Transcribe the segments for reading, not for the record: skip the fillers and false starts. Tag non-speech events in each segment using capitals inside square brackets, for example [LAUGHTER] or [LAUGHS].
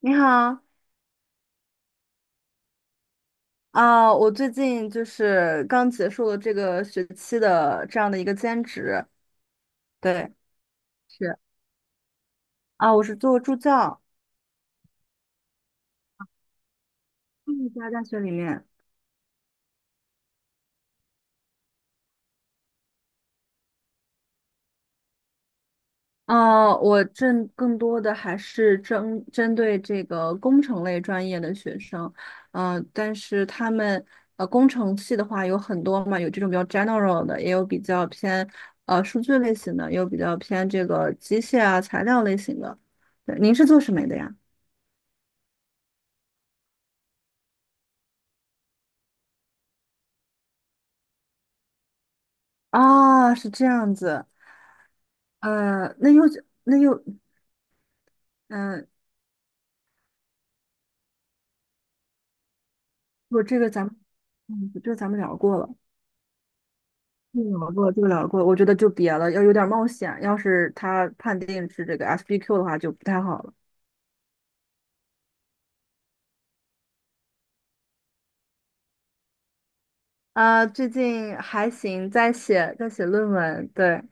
你好，我最近就是刚结束了这个学期的这样的一个兼职。对，是我是做助教。嗯，在大学里面。我正更多的还是针对这个工程类专业的学生。但是他们工程系的话有很多嘛，有这种比较 general 的，也有比较偏数据类型的，也有比较偏这个机械啊材料类型的。对，您是做什么的呀？啊，是这样子。呃，那又那又，嗯、我这个咱们，嗯，这个咱们聊过了，这个聊过，这个聊过，我觉得就别了，要有点冒险。要是他判定是这个 SBQ 的话，就不太好了。啊，最近还行，在写论文。对。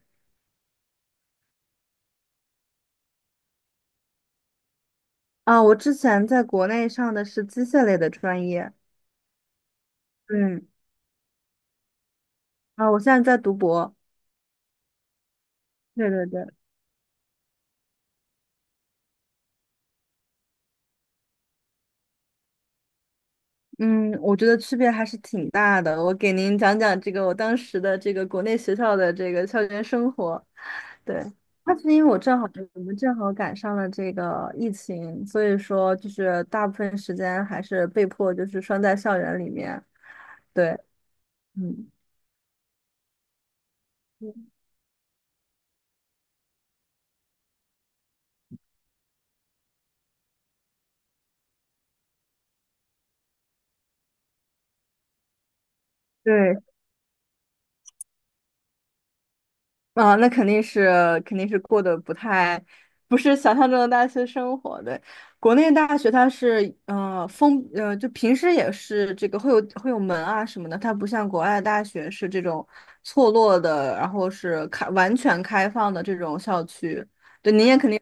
啊，我之前在国内上的是机械类的专业。嗯。啊，我现在在读博。对对对。嗯，我觉得区别还是挺大的。我给您讲讲这个我当时的这个国内学校的这个校园生活。对，那是因为我们正好赶上了这个疫情，所以说就是大部分时间还是被迫就是拴在校园里面。对。嗯。嗯，对。啊，那肯定是过得不太，不是想象中的大学生活。对，国内大学它是呃封呃，就平时也是这个会有门啊什么的。它不像国外的大学是这种错落的，然后是开完全开放的这种校区。对，您也肯定，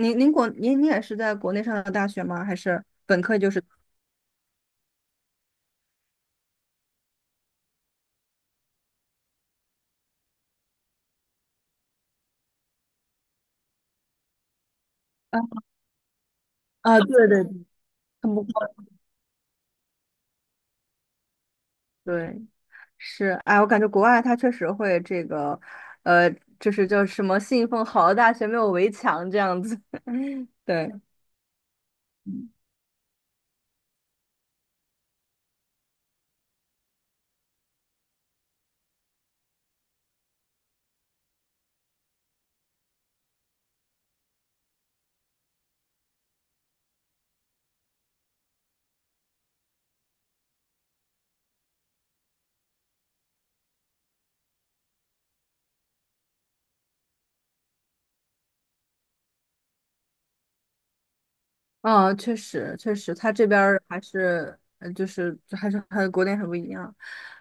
您也是在国内上的大学吗？还是本科就是啊啊，对对对，很不错。对。是，哎，我感觉国外它确实会这个，呃，就是叫什么信奉好的大学没有围墙这样子。[LAUGHS] 对。嗯，确实，确实，他这边儿还是，就是还是和国内很不一样。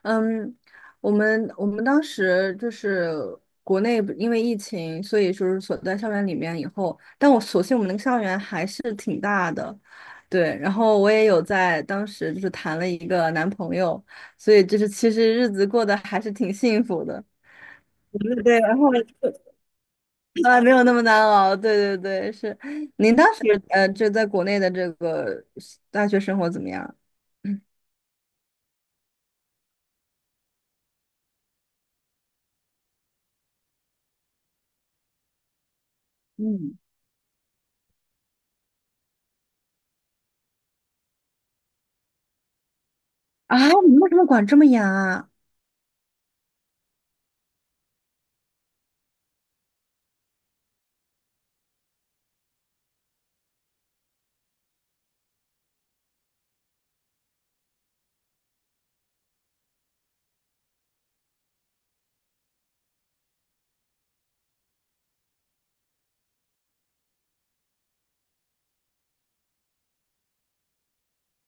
嗯，我们当时就是国内不因为疫情，所以就是锁在校园里面以后，但我所幸我们那个校园还是挺大的。对。然后我也有在当时就是谈了一个男朋友，所以就是其实日子过得还是挺幸福的。对对。然后 [LAUGHS] 啊，没有那么难熬。对对对，是。您当时就在国内的这个大学生活怎么样？嗯嗯啊，你们为什么管这么严啊？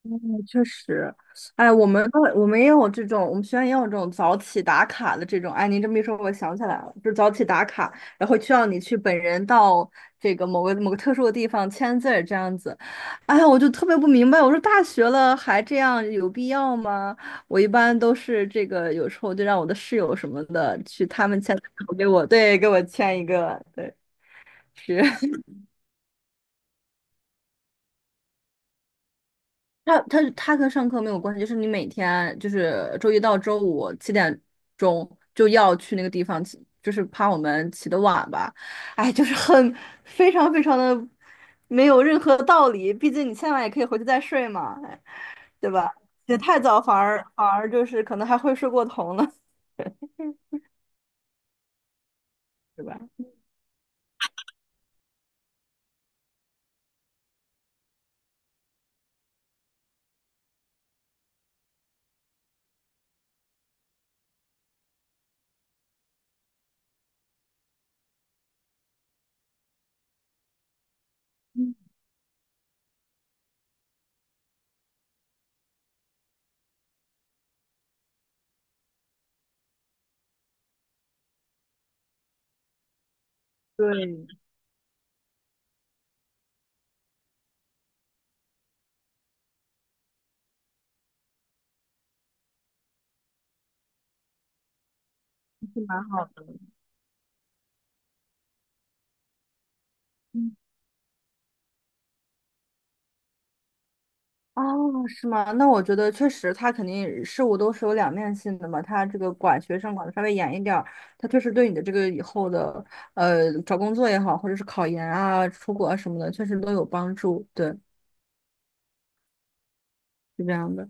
嗯，确实。哎，我们也有这种，我们学院也有这种早起打卡的这种。哎，您这么一说，我想起来了，就是早起打卡，然后需要你去本人到这个某个某个特殊的地方签字儿这样子。哎呀，我就特别不明白，我说大学了还这样有必要吗？我一般都是这个，有时候就让我的室友什么的去他们签字，然后给我，对，给我签一个。对，是。他跟上课没有关系，就是你每天就是周一到周五7点钟就要去那个地方起，就是怕我们起得晚吧。哎，就是很非常非常的没有任何道理。毕竟你现在也可以回去再睡嘛。哎，对吧？起得太早反而就是可能还会睡过头呢。对吧？是蛮好的。哦，是吗？那我觉得确实，他肯定事物都是有两面性的嘛。他这个管学生管的稍微严一点儿，他确实对你的这个以后的找工作也好，或者是考研啊、出国啊什么的，确实都有帮助。对，是这样的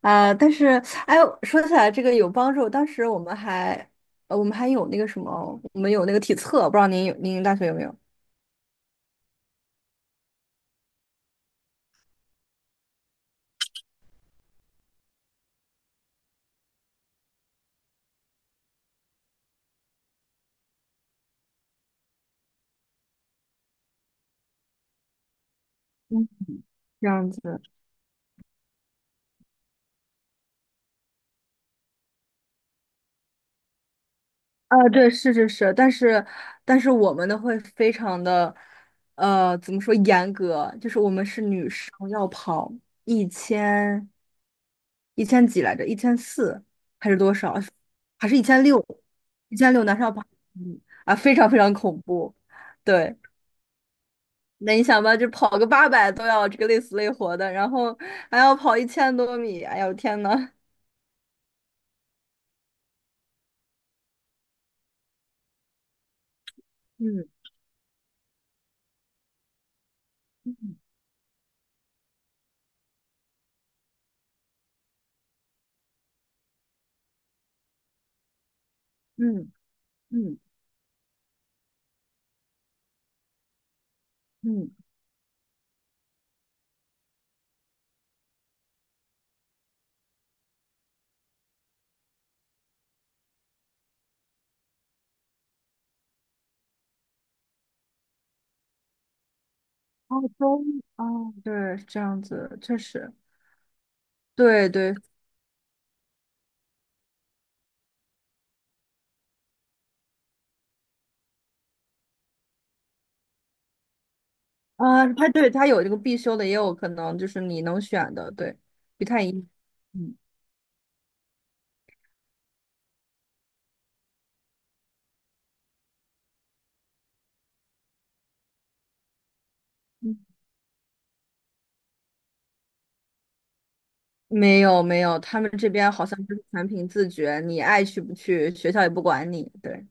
啊。但是，哎，说起来这个有帮助，当时我们还有那个什么，我们有那个体测，不知道您有您大学有没有？嗯，这样子。啊，对，是是是，但是我们的会非常的，怎么说严格？就是我们是女生要跑一千一千几来着，1400还是多少？[LAUGHS] 还是1600？1600男生要跑。嗯。啊，非常非常恐怖。对，那你想吧，就跑个800都要这个累死累活的，然后还要跑1000多米。哎呦天呐！嗯嗯嗯嗯嗯。哦，中。哦，对，是这样子，确实。对对。啊，它对它有这个必修的，也有可能就是你能选的。对，不太一样。嗯。嗯，没有没有，他们这边好像就是全凭自觉，你爱去不去，学校也不管你。对。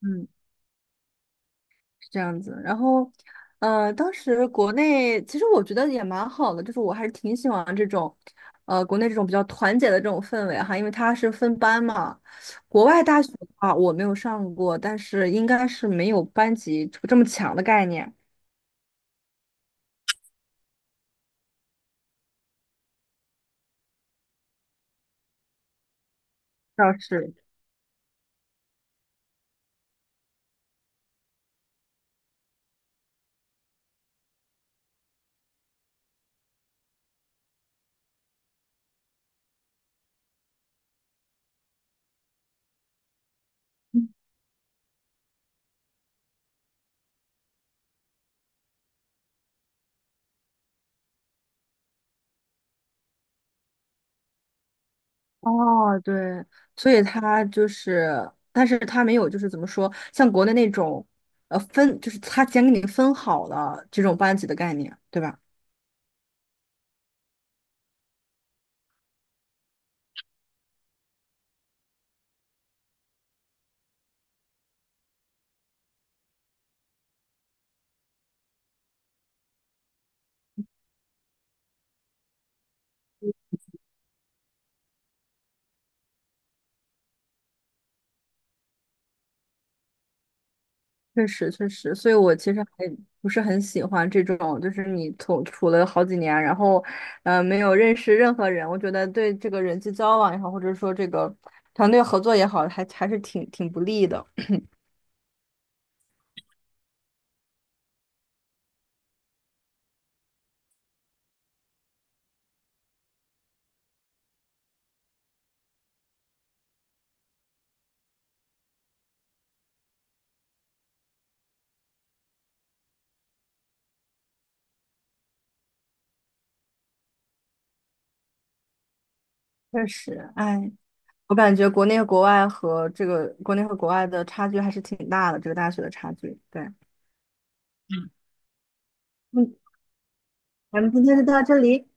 嗯，是这样子。然后，当时国内其实我觉得也蛮好的，就是我还是挺喜欢这种，国内这种比较团结的这种氛围哈。因为它是分班嘛。国外大学的话我没有上过，但是应该是没有班级这么强的概念。倒是哦，对，所以他就是，但是他没有就是怎么说，像国内那种，分就是他先给你分好了这种班级的概念，对吧？确实确实，所以我其实还不是很喜欢这种，就是你从处了好几年，然后没有认识任何人。我觉得对这个人际交往也好，或者说这个团队合作也好，还是挺不利的。确实，哎，我感觉国内和国外的差距还是挺大的，这个大学的差距。对。嗯，咱们今天就到这里。